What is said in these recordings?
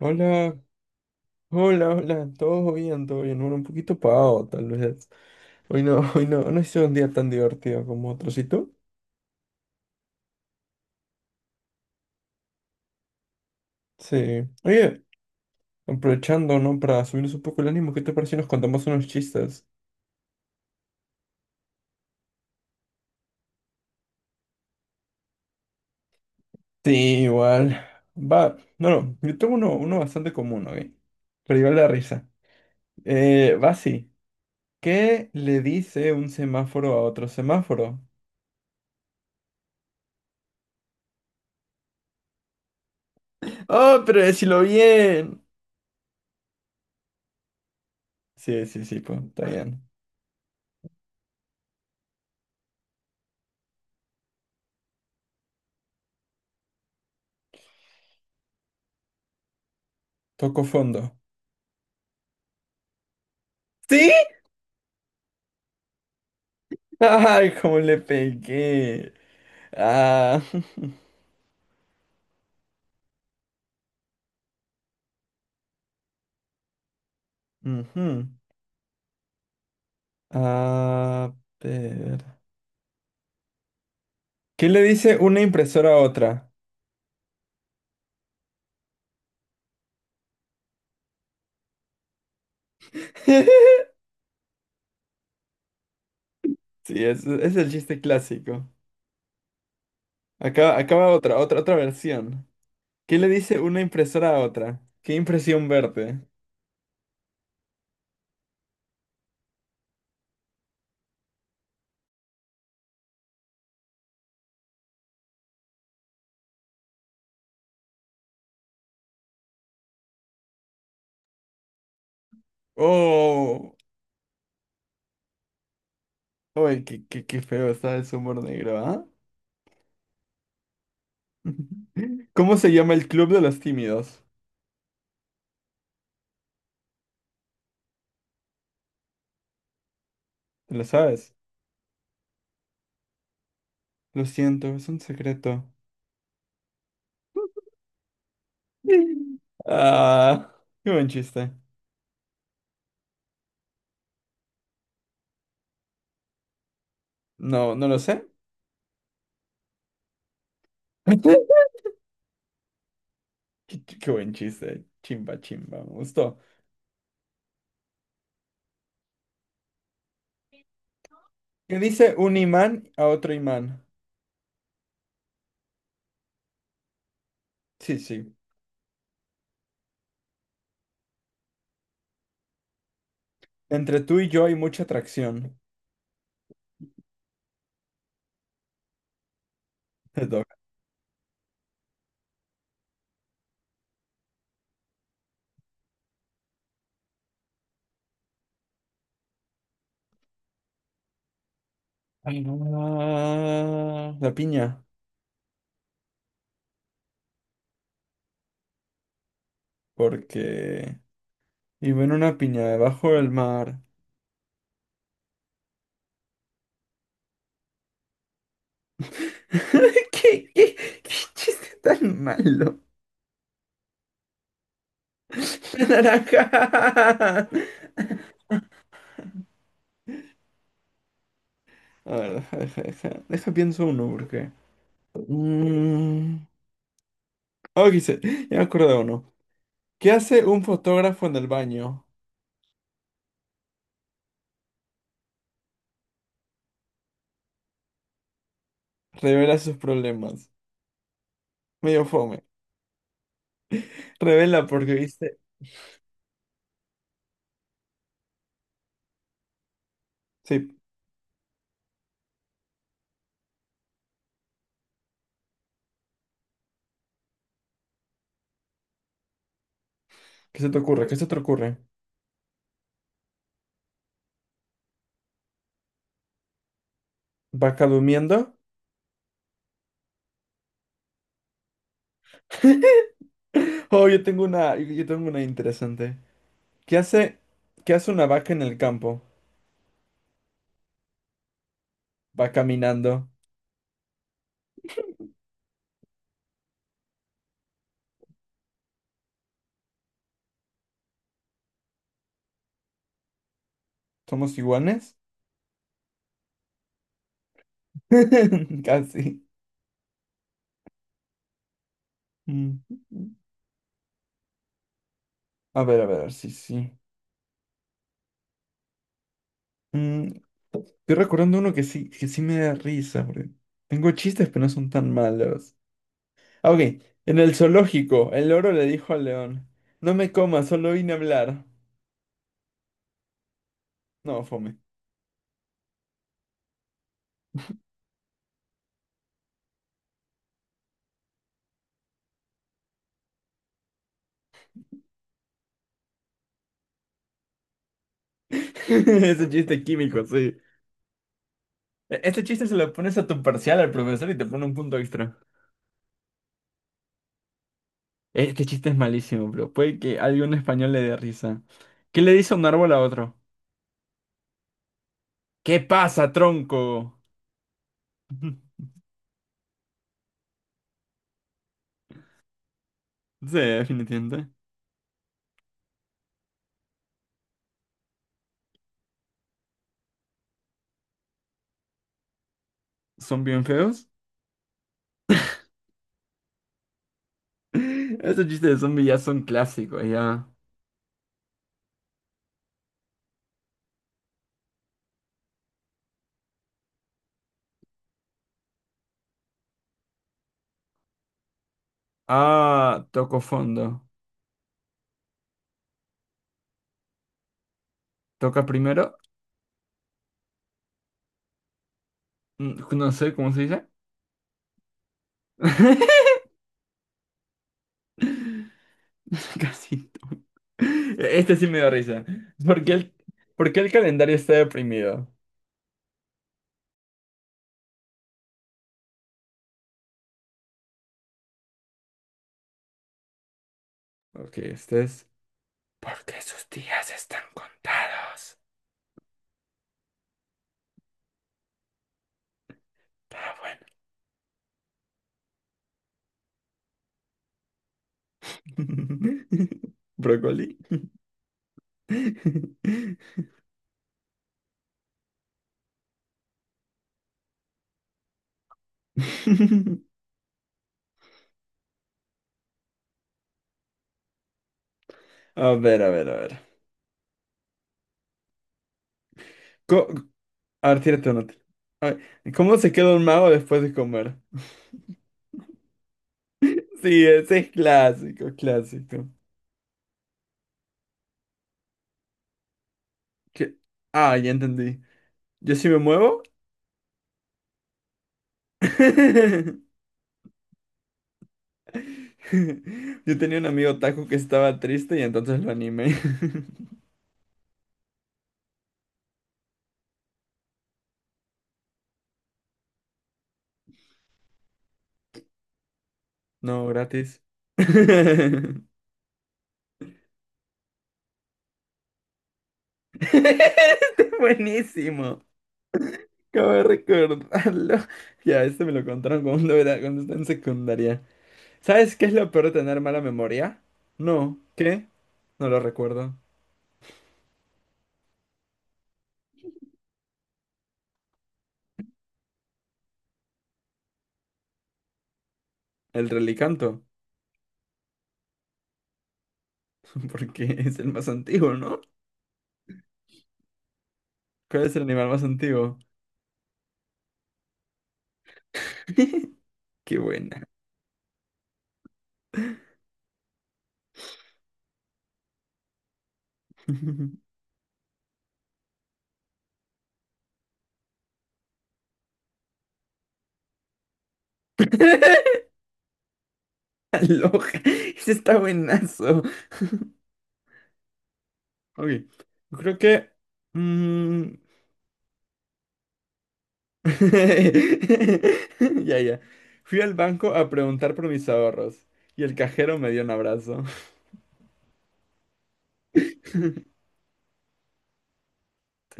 Hola, hola, hola, todo bien, todo bien. Bueno, un poquito pagado, tal vez. Hoy no, hoy no, no ha sido un día tan divertido como otros. ¿Y tú? Sí. Oye, aprovechando, ¿no? Para subirnos un poco el ánimo, ¿qué te parece si nos contamos unos chistes? Sí, igual. Va, no, no, yo tengo uno, uno bastante común, ¿ok? Pero igual la risa. Va así. ¿Qué le dice un semáforo a otro semáforo? ¡Oh, pero decilo bien! Sí, sí, sí, pues, está bien. Toco fondo. ¡Sí! Ay, cómo le pegué. Ah. ujú. A ver. ¿Qué le dice una impresora a otra? Sí, es el chiste clásico. Acaba, acaba otra versión. ¿Qué le dice una impresora a otra? Qué impresión verte. Oh, uy, qué feo está el humor negro, ¿ah? ¿Cómo se llama el club de los tímidos? ¿Te lo sabes? Lo siento, es un secreto. Ah, qué buen chiste. No, no lo sé. Qué buen chiste. Chimba, chimba. Me gustó. ¿Qué dice un imán a otro imán? Sí, sí. Entre tú y yo hay mucha atracción. Te toca. Ah, la piña. Porque vivo en una piña debajo del mar. ¿Qué, qué, qué chiste tan malo? La naranja. A ver, deja, deja, deja. Deja pienso uno, porque. Mm, oh, ya me acuerdo de uno. ¿Qué hace un fotógrafo en el baño? Revela sus problemas. Medio fome. Revela porque viste. Sí. ¿Qué se te ocurre? ¿Qué se te ocurre? ¿Vaca durmiendo? Oh, yo tengo una. Yo tengo una interesante. ¿Qué hace? ¿Qué hace una vaca en el campo? Va caminando. ¿Somos iguanes? Casi. Mm. A ver, sí, sí. Mm, Estoy recordando uno que sí me da risa, porque tengo chistes, pero no son tan malos. Ah, ok. En el zoológico, el loro le dijo al león, no me comas, solo vine a hablar. No, fome. Ese chiste químico, sí. Este chiste se lo pones a tu parcial al profesor y te pone un punto extra. Este chiste es malísimo, pero puede que a algún español le dé risa. ¿Qué le dice un árbol a otro? ¿Qué pasa, tronco? Sí, definitivamente. ¿Son bien feos? Esos chistes de zombies ya son clásicos, ya. Ah, toco fondo. ¿Toca primero? No sé cómo se dice. Casi. Este sí me da risa. ¿Por qué el, por qué el calendario está deprimido? Ok, este es. Porque sus días están contados. Pero bueno. ¿Brócoli? A ver, a ver, a ver. Co- a ver, tírate una. A ver, ¿cómo se queda un mago después de comer? Sí, ese es clásico, clásico. Que- Ah, ya entendí. Yo sí me muevo. Yo tenía un amigo otaku que estaba triste y entonces lo animé. No, gratis. Este es buenísimo. Acabo de recordarlo. Ya, este me lo contaron cuando era, cuando estaba en secundaria. ¿Sabes qué es lo peor de tener mala memoria? No, ¿qué? No lo recuerdo. El relicanto. Porque es el más antiguo, ¿no? ¿Cuál es el animal más antiguo? Qué buena. Aloha. Ese está buenazo. Ok. Yo creo que. mm, Ya, ya. Fui al banco a preguntar por mis ahorros. Y el cajero me dio un abrazo.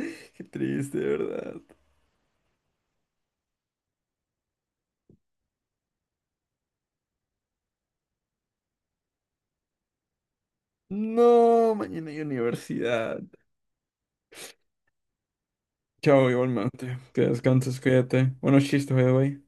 Qué triste, de ¿verdad? No, mañana hay universidad. Chao, igualmente. Que descanses, cuídate. Buenos chistes, by the way.